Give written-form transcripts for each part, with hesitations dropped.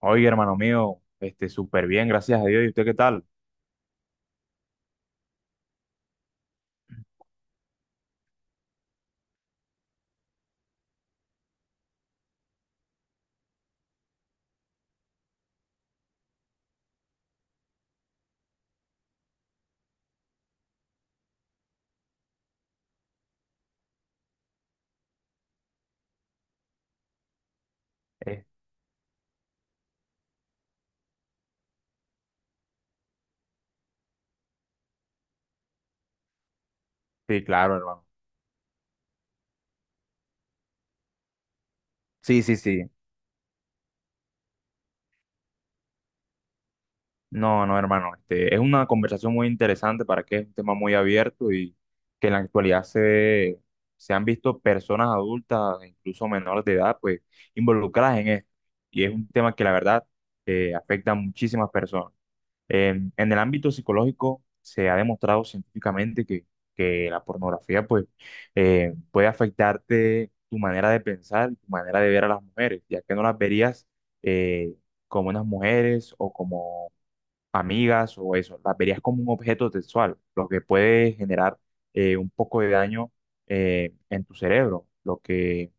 Oye, hermano mío, súper bien, gracias a Dios. ¿Y usted qué tal? Este, claro, hermano. Sí, sí, sí. No, no, hermano. Es una conversación muy interesante para que es un tema muy abierto y que en la actualidad se han visto personas adultas, incluso menores de edad, pues involucradas en esto. Y es un tema que la verdad afecta a muchísimas personas. En el ámbito psicológico se ha demostrado científicamente que la pornografía pues puede afectarte tu manera de pensar, tu manera de ver a las mujeres, ya que no las verías eh, como unas mujeres o como amigas o eso, las verías como un objeto sexual, lo que puede generar un poco de daño en tu cerebro, lo que,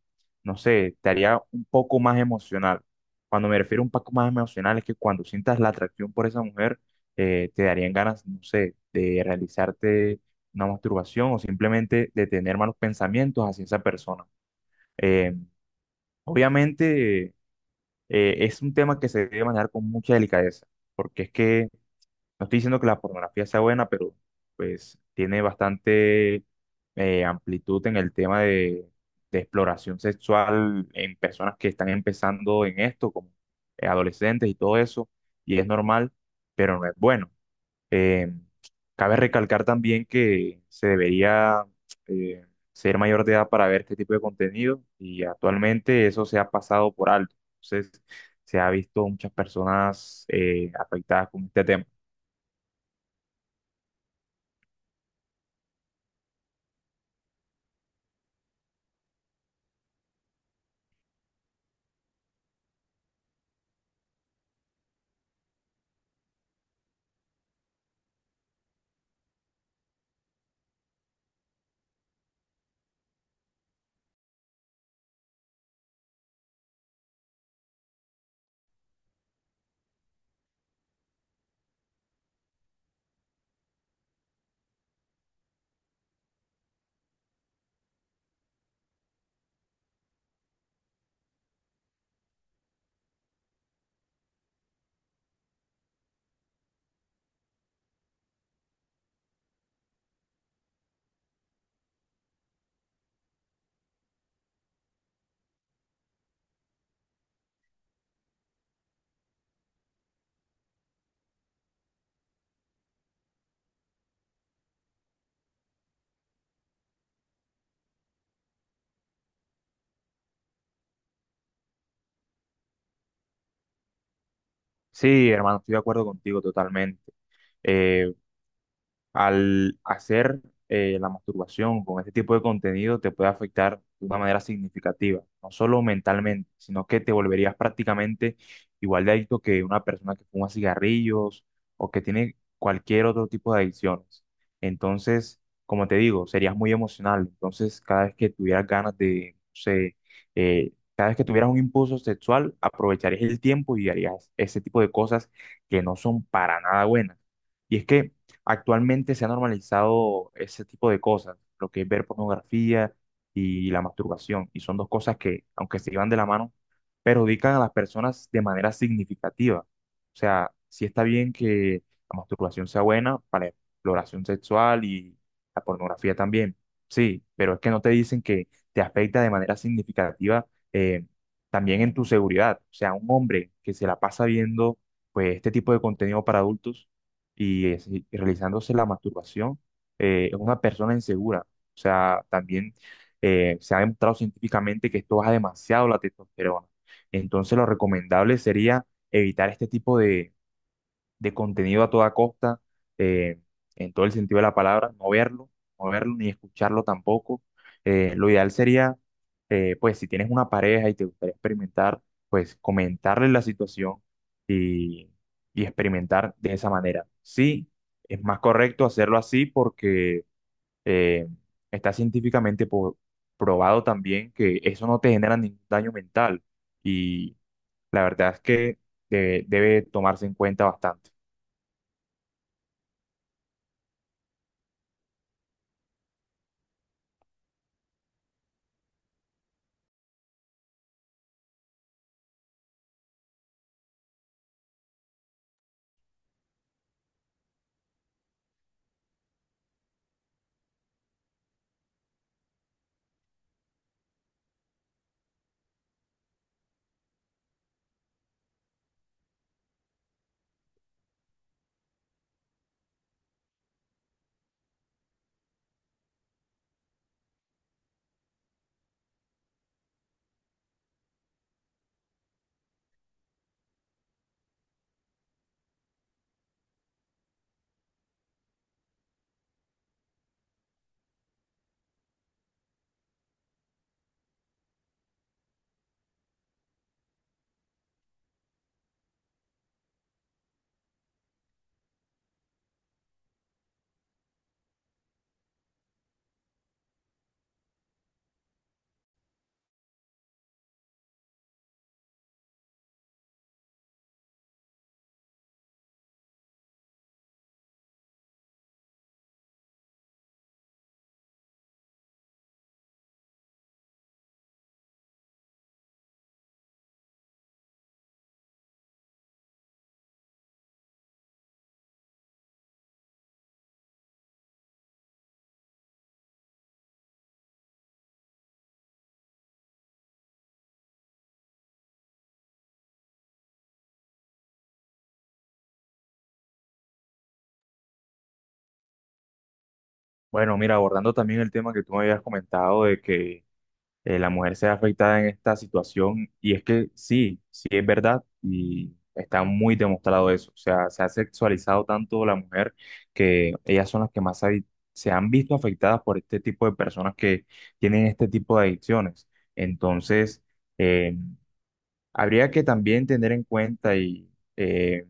no sé, te haría un poco más emocional. Cuando me refiero a un poco más emocional es que cuando sientas la atracción por esa mujer, te darían ganas, no sé, de realizarte una masturbación o simplemente de tener malos pensamientos hacia esa persona. Eh, Obviamente, es un tema que se debe manejar con mucha delicadeza, porque es que no estoy diciendo que la pornografía sea buena, pero pues tiene bastante amplitud en el tema de exploración sexual en personas que están empezando en esto, como adolescentes y todo eso, y es normal, pero no es bueno. Eh, Cabe recalcar también que se debería eh, ser mayor de edad para ver este tipo de contenido y actualmente eso se ha pasado por alto. Entonces, se ha visto muchas personas afectadas con este tema. Sí, hermano, estoy de acuerdo contigo totalmente. Eh, Al hacer la masturbación con este tipo de contenido te puede afectar de una manera significativa, no solo mentalmente, sino que te volverías prácticamente igual de adicto que una persona que fuma cigarrillos o que tiene cualquier otro tipo de adicciones. Entonces, como te digo, serías muy emocional. Entonces, cada vez que tuvieras ganas de, no sé, cada vez que tuvieras un impulso sexual, aprovecharías el tiempo y harías ese tipo de cosas que no son para nada buenas. Y es que actualmente se ha normalizado ese tipo de cosas, lo que es ver pornografía y la masturbación, y son dos cosas que, aunque se llevan de la mano, perjudican a las personas de manera significativa. O sea, sí está bien que la masturbación sea buena para la exploración sexual y la pornografía también, sí, pero es que no te dicen que te afecta de manera significativa eh, también en tu seguridad. O sea, un hombre que se la pasa viendo pues este tipo de contenido para adultos y, y realizándose la masturbación es una persona insegura. O sea, también se ha demostrado científicamente que esto baja demasiado la testosterona. Entonces, lo recomendable sería evitar este tipo de contenido a toda costa, eh, en todo el sentido de la palabra, no verlo, no verlo ni escucharlo tampoco. Lo ideal sería, pues si tienes una pareja y te gustaría experimentar, pues comentarle la situación y, y experimentar de esa manera. Sí, es más correcto hacerlo así porque eh, está científicamente probado también que eso no te genera ningún daño mental y la verdad es que debe tomarse en cuenta bastante. Bueno, mira, abordando también el tema que tú me habías comentado de que la mujer sea afectada en esta situación, y es que sí, sí es verdad, y está muy demostrado eso. O sea, se ha sexualizado tanto la mujer que ellas son las que más se han visto afectadas por este tipo de personas que tienen este tipo de adicciones. Entonces, eh, habría que también tener en cuenta y eh,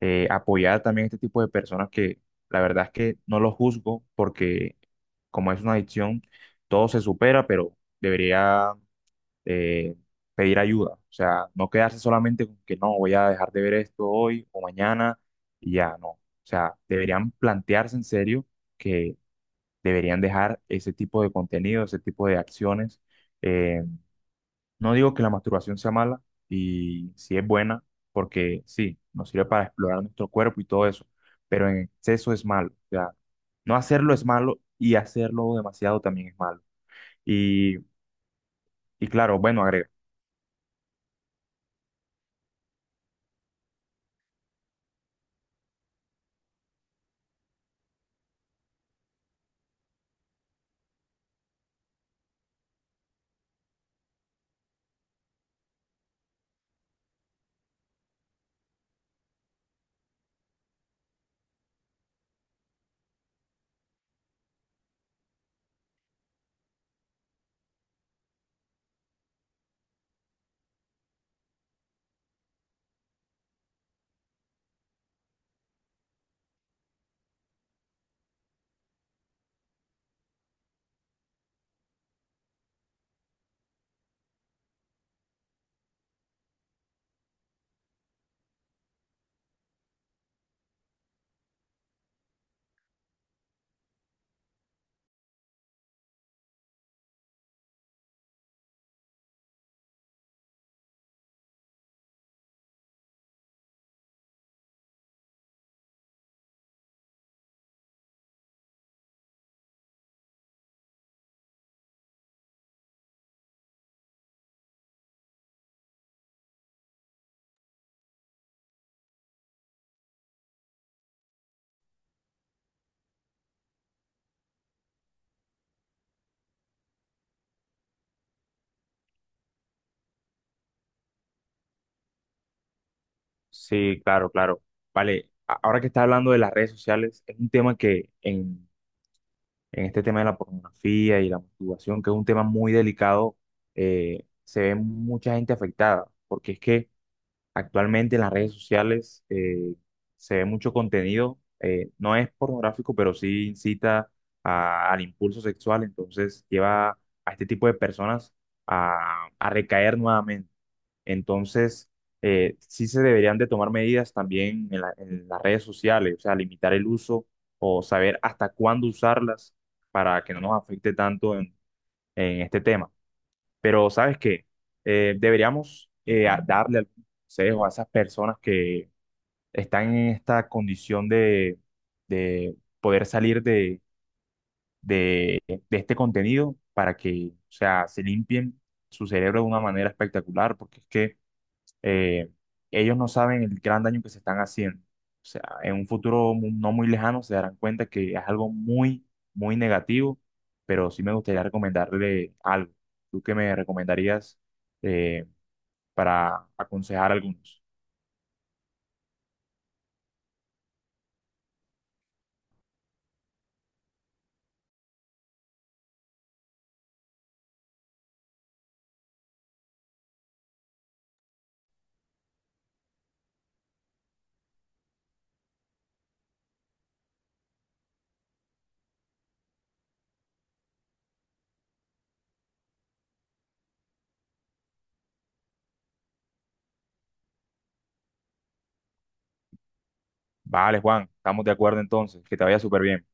apoyar también a este tipo de personas que la verdad es que no los juzgo porque como es una adicción, todo se supera, pero debería eh, pedir ayuda. O sea, no quedarse solamente con que no, voy a dejar de ver esto hoy o mañana y ya no. O sea, deberían plantearse en serio que deberían dejar ese tipo de contenido, ese tipo de acciones, eh, no digo que la masturbación sea mala y si es buena, porque sí, nos sirve para explorar nuestro cuerpo y todo eso, pero en exceso es malo. O sea, no hacerlo es malo y hacerlo demasiado también es malo. Y, y claro, bueno, agrego. Sí, claro, claro. Vale, ahora que está hablando de las redes sociales, es un tema que en este tema de la pornografía y la masturbación, que es un tema muy delicado, se ve mucha gente afectada, porque es que actualmente en las redes sociales se ve mucho contenido, no es pornográfico, pero sí incita al impulso sexual, entonces lleva a este tipo de personas a recaer nuevamente. Entonces, sí se deberían de tomar medidas también en en las redes sociales, o sea, limitar el uso o saber hasta cuándo usarlas para que no nos afecte tanto en este tema. Pero sabes que deberíamos darle algún consejo a esas personas que están en esta condición de poder salir de, de este contenido para que, o sea, se limpien su cerebro de una manera espectacular, porque es que eh, ellos no saben el gran daño que se están haciendo. O sea, en un futuro no muy lejano se darán cuenta que es algo muy, muy negativo, pero sí me gustaría recomendarle algo. ¿Tú qué me recomendarías eh, para aconsejar a algunos? Vale, Juan, estamos de acuerdo entonces, que te vaya súper bien.